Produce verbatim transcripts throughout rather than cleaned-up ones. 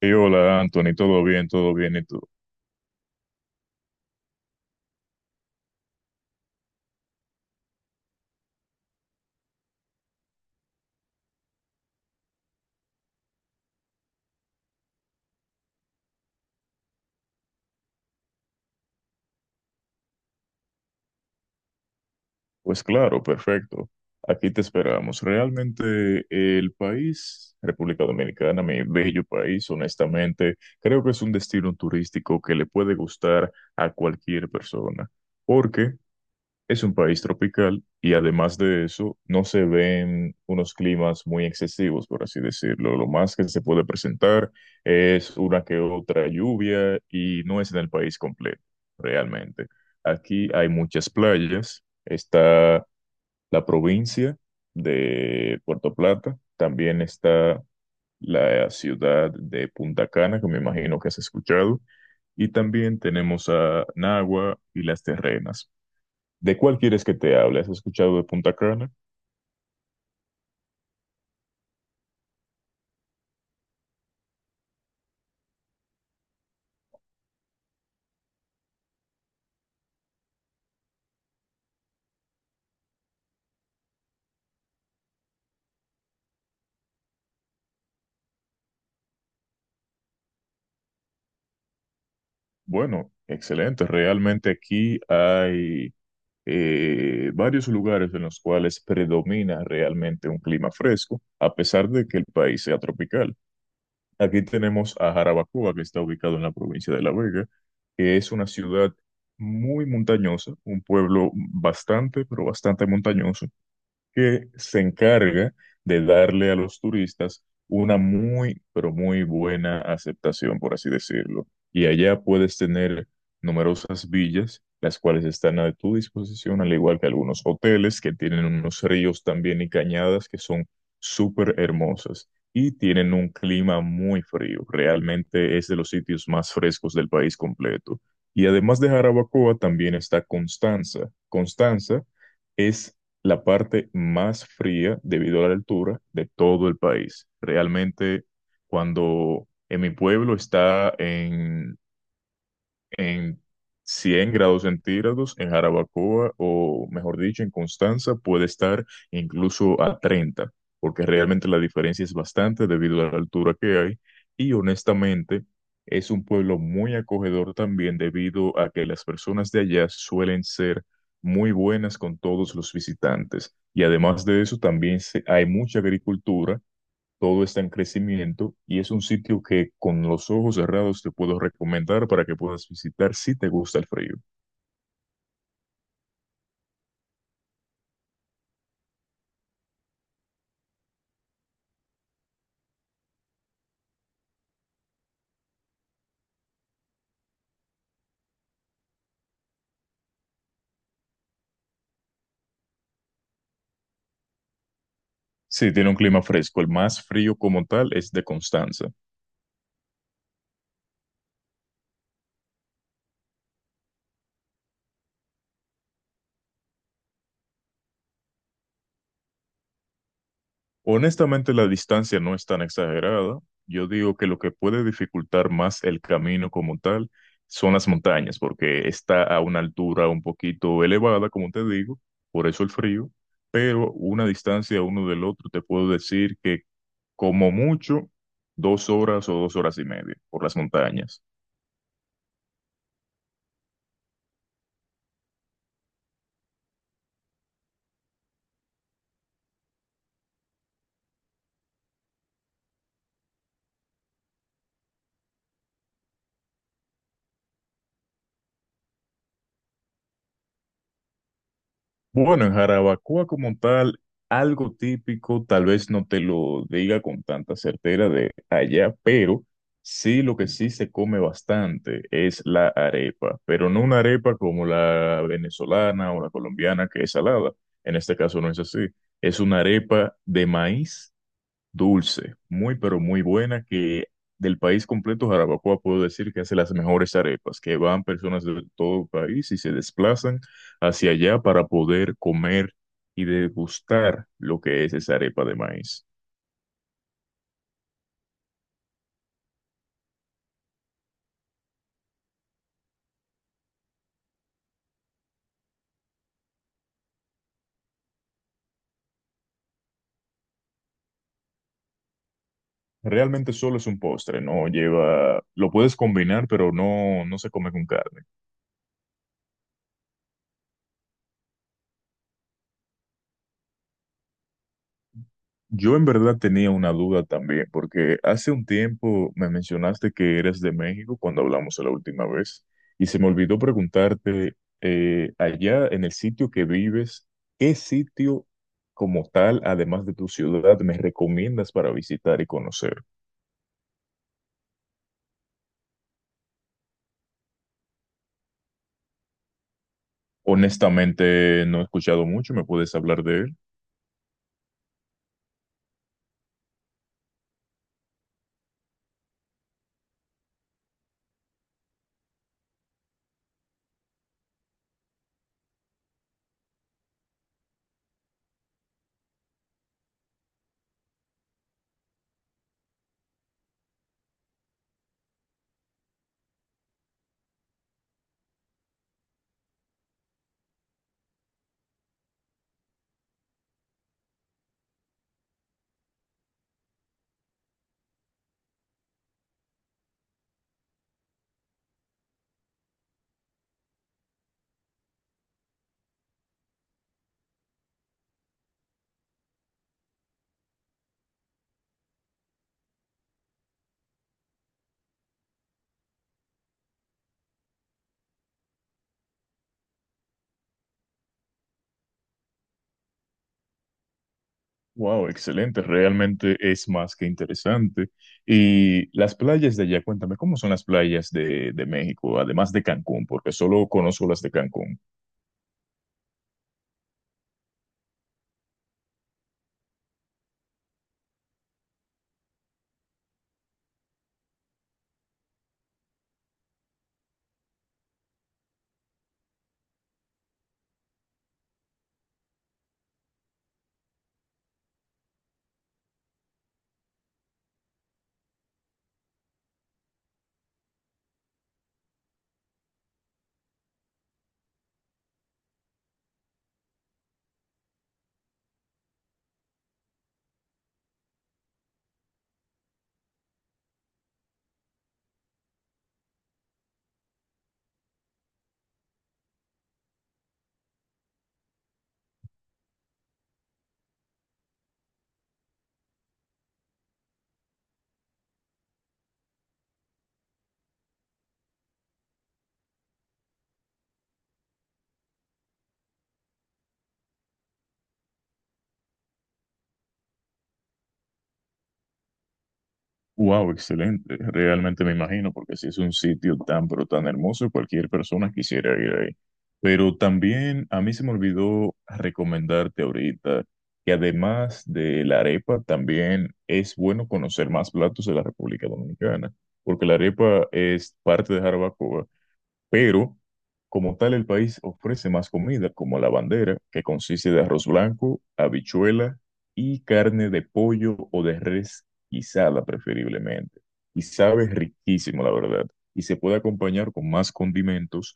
Y hola, Anthony, ¿todo bien? ¿Todo bien? ¿Y tú? Pues claro, perfecto. Aquí te esperamos. Realmente el país, República Dominicana, mi bello país, honestamente, creo que es un destino turístico que le puede gustar a cualquier persona. Porque es un país tropical y además de eso no se ven unos climas muy excesivos, por así decirlo. Lo más que se puede presentar es una que otra lluvia y no es en el país completo, realmente. Aquí hay muchas playas. Está la provincia de Puerto Plata. También está la ciudad de Punta Cana, que me imagino que has escuchado. Y también tenemos a Nagua y Las Terrenas. ¿De cuál quieres que te hable? ¿Has escuchado de Punta Cana? Bueno, excelente. Realmente aquí hay eh, varios lugares en los cuales predomina realmente un clima fresco, a pesar de que el país sea tropical. Aquí tenemos a Jarabacoa, que está ubicado en la provincia de La Vega, que es una ciudad muy montañosa, un pueblo bastante, pero bastante montañoso, que se encarga de darle a los turistas una muy, pero muy buena aceptación, por así decirlo. Y allá puedes tener numerosas villas, las cuales están a tu disposición, al igual que algunos hoteles que tienen unos ríos también y cañadas que son súper hermosas. Y tienen un clima muy frío. Realmente es de los sitios más frescos del país completo. Y además de Jarabacoa, también está Constanza. Constanza es la parte más fría debido a la altura de todo el país. Realmente, cuando en mi pueblo está en en cien grados centígrados, en Jarabacoa o mejor dicho, en Constanza puede estar incluso a treinta, porque realmente la diferencia es bastante debido a la altura que hay, y honestamente es un pueblo muy acogedor también debido a que las personas de allá suelen ser muy buenas con todos los visitantes, y además de eso también se- hay mucha agricultura, todo está en crecimiento y es un sitio que con los ojos cerrados te puedo recomendar para que puedas visitar si te gusta el frío. Sí, tiene un clima fresco. El más frío como tal es de Constanza. Honestamente, la distancia no es tan exagerada. Yo digo que lo que puede dificultar más el camino como tal son las montañas, porque está a una altura un poquito elevada, como te digo, por eso el frío, pero una distancia uno del otro te puedo decir que como mucho, dos horas o dos horas y media por las montañas. Bueno, en Jarabacoa como tal, algo típico, tal vez no te lo diga con tanta certeza de allá, pero sí, lo que sí se come bastante es la arepa, pero no una arepa como la venezolana o la colombiana que es salada. En este caso no es así. Es una arepa de maíz dulce, muy pero muy buena, que del país completo, Jarabacoa, puedo decir que hace las mejores arepas, que van personas de todo el país y se desplazan hacia allá para poder comer y degustar lo que es esa arepa de maíz. Realmente solo es un postre, no lleva, lo puedes combinar, pero no, no se come con carne. Yo en verdad tenía una duda también, porque hace un tiempo me mencionaste que eres de México cuando hablamos la última vez, y se me olvidó preguntarte, eh, allá en el sitio que vives, ¿qué sitio como tal, además de tu ciudad, me recomiendas para visitar y conocer? Honestamente, no he escuchado mucho, ¿me puedes hablar de él? Wow, excelente, realmente es más que interesante. Y las playas de allá, cuéntame, ¿cómo son las playas de, de México, además de Cancún? Porque solo conozco las de Cancún. Wow, excelente, realmente me imagino, porque si es un sitio tan, pero tan hermoso, cualquier persona quisiera ir ahí. Pero también a mí se me olvidó recomendarte ahorita que además de la arepa, también es bueno conocer más platos de la República Dominicana, porque la arepa es parte de Jarabacoa. Pero, como tal, el país ofrece más comida, como la bandera, que consiste de arroz blanco, habichuela y carne de pollo o de res guisada, preferiblemente. Y sabe riquísimo, la verdad. Y se puede acompañar con más condimentos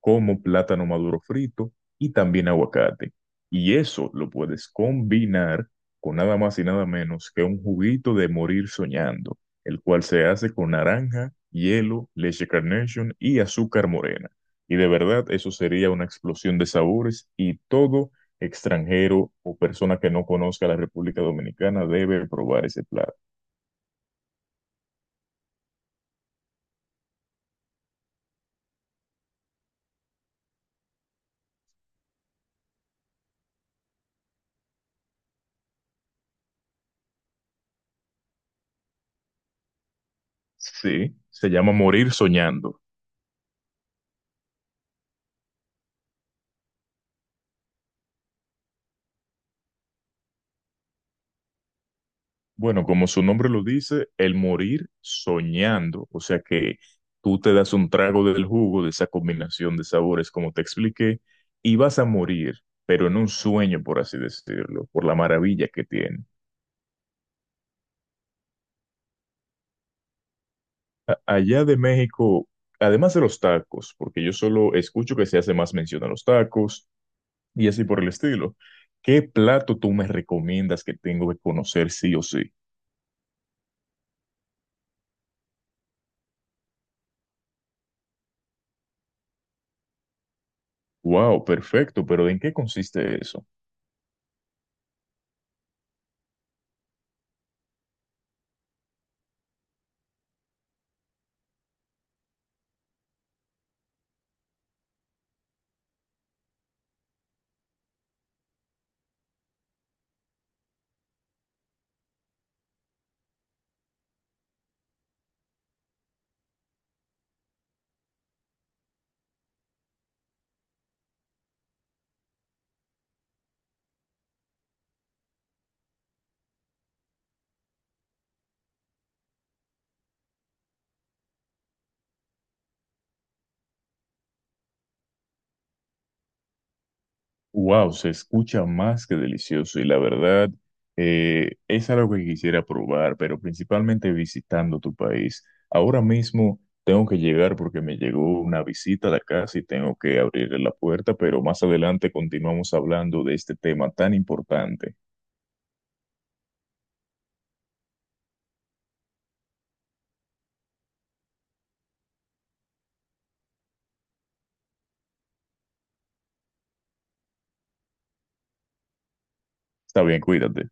como plátano maduro frito y también aguacate. Y eso lo puedes combinar con nada más y nada menos que un juguito de morir soñando, el cual se hace con naranja, hielo, leche Carnation y azúcar morena. Y de verdad, eso sería una explosión de sabores, y todo extranjero o persona que no conozca la República Dominicana debe probar ese plato. Sí, se llama morir soñando. Bueno, como su nombre lo dice, el morir soñando, o sea que tú te das un trago del jugo de esa combinación de sabores, como te expliqué, y vas a morir, pero en un sueño, por así decirlo, por la maravilla que tiene. A- allá de México, además de los tacos, porque yo solo escucho que se hace más mención a los tacos y así por el estilo, ¿qué plato tú me recomiendas que tengo que conocer sí o sí? Wow, perfecto, pero ¿en qué consiste eso? Wow, se escucha más que delicioso y la verdad eh, es algo que quisiera probar, pero principalmente visitando tu país. Ahora mismo tengo que llegar porque me llegó una visita a la casa y tengo que abrirle la puerta, pero más adelante continuamos hablando de este tema tan importante. Está bien, cuídate.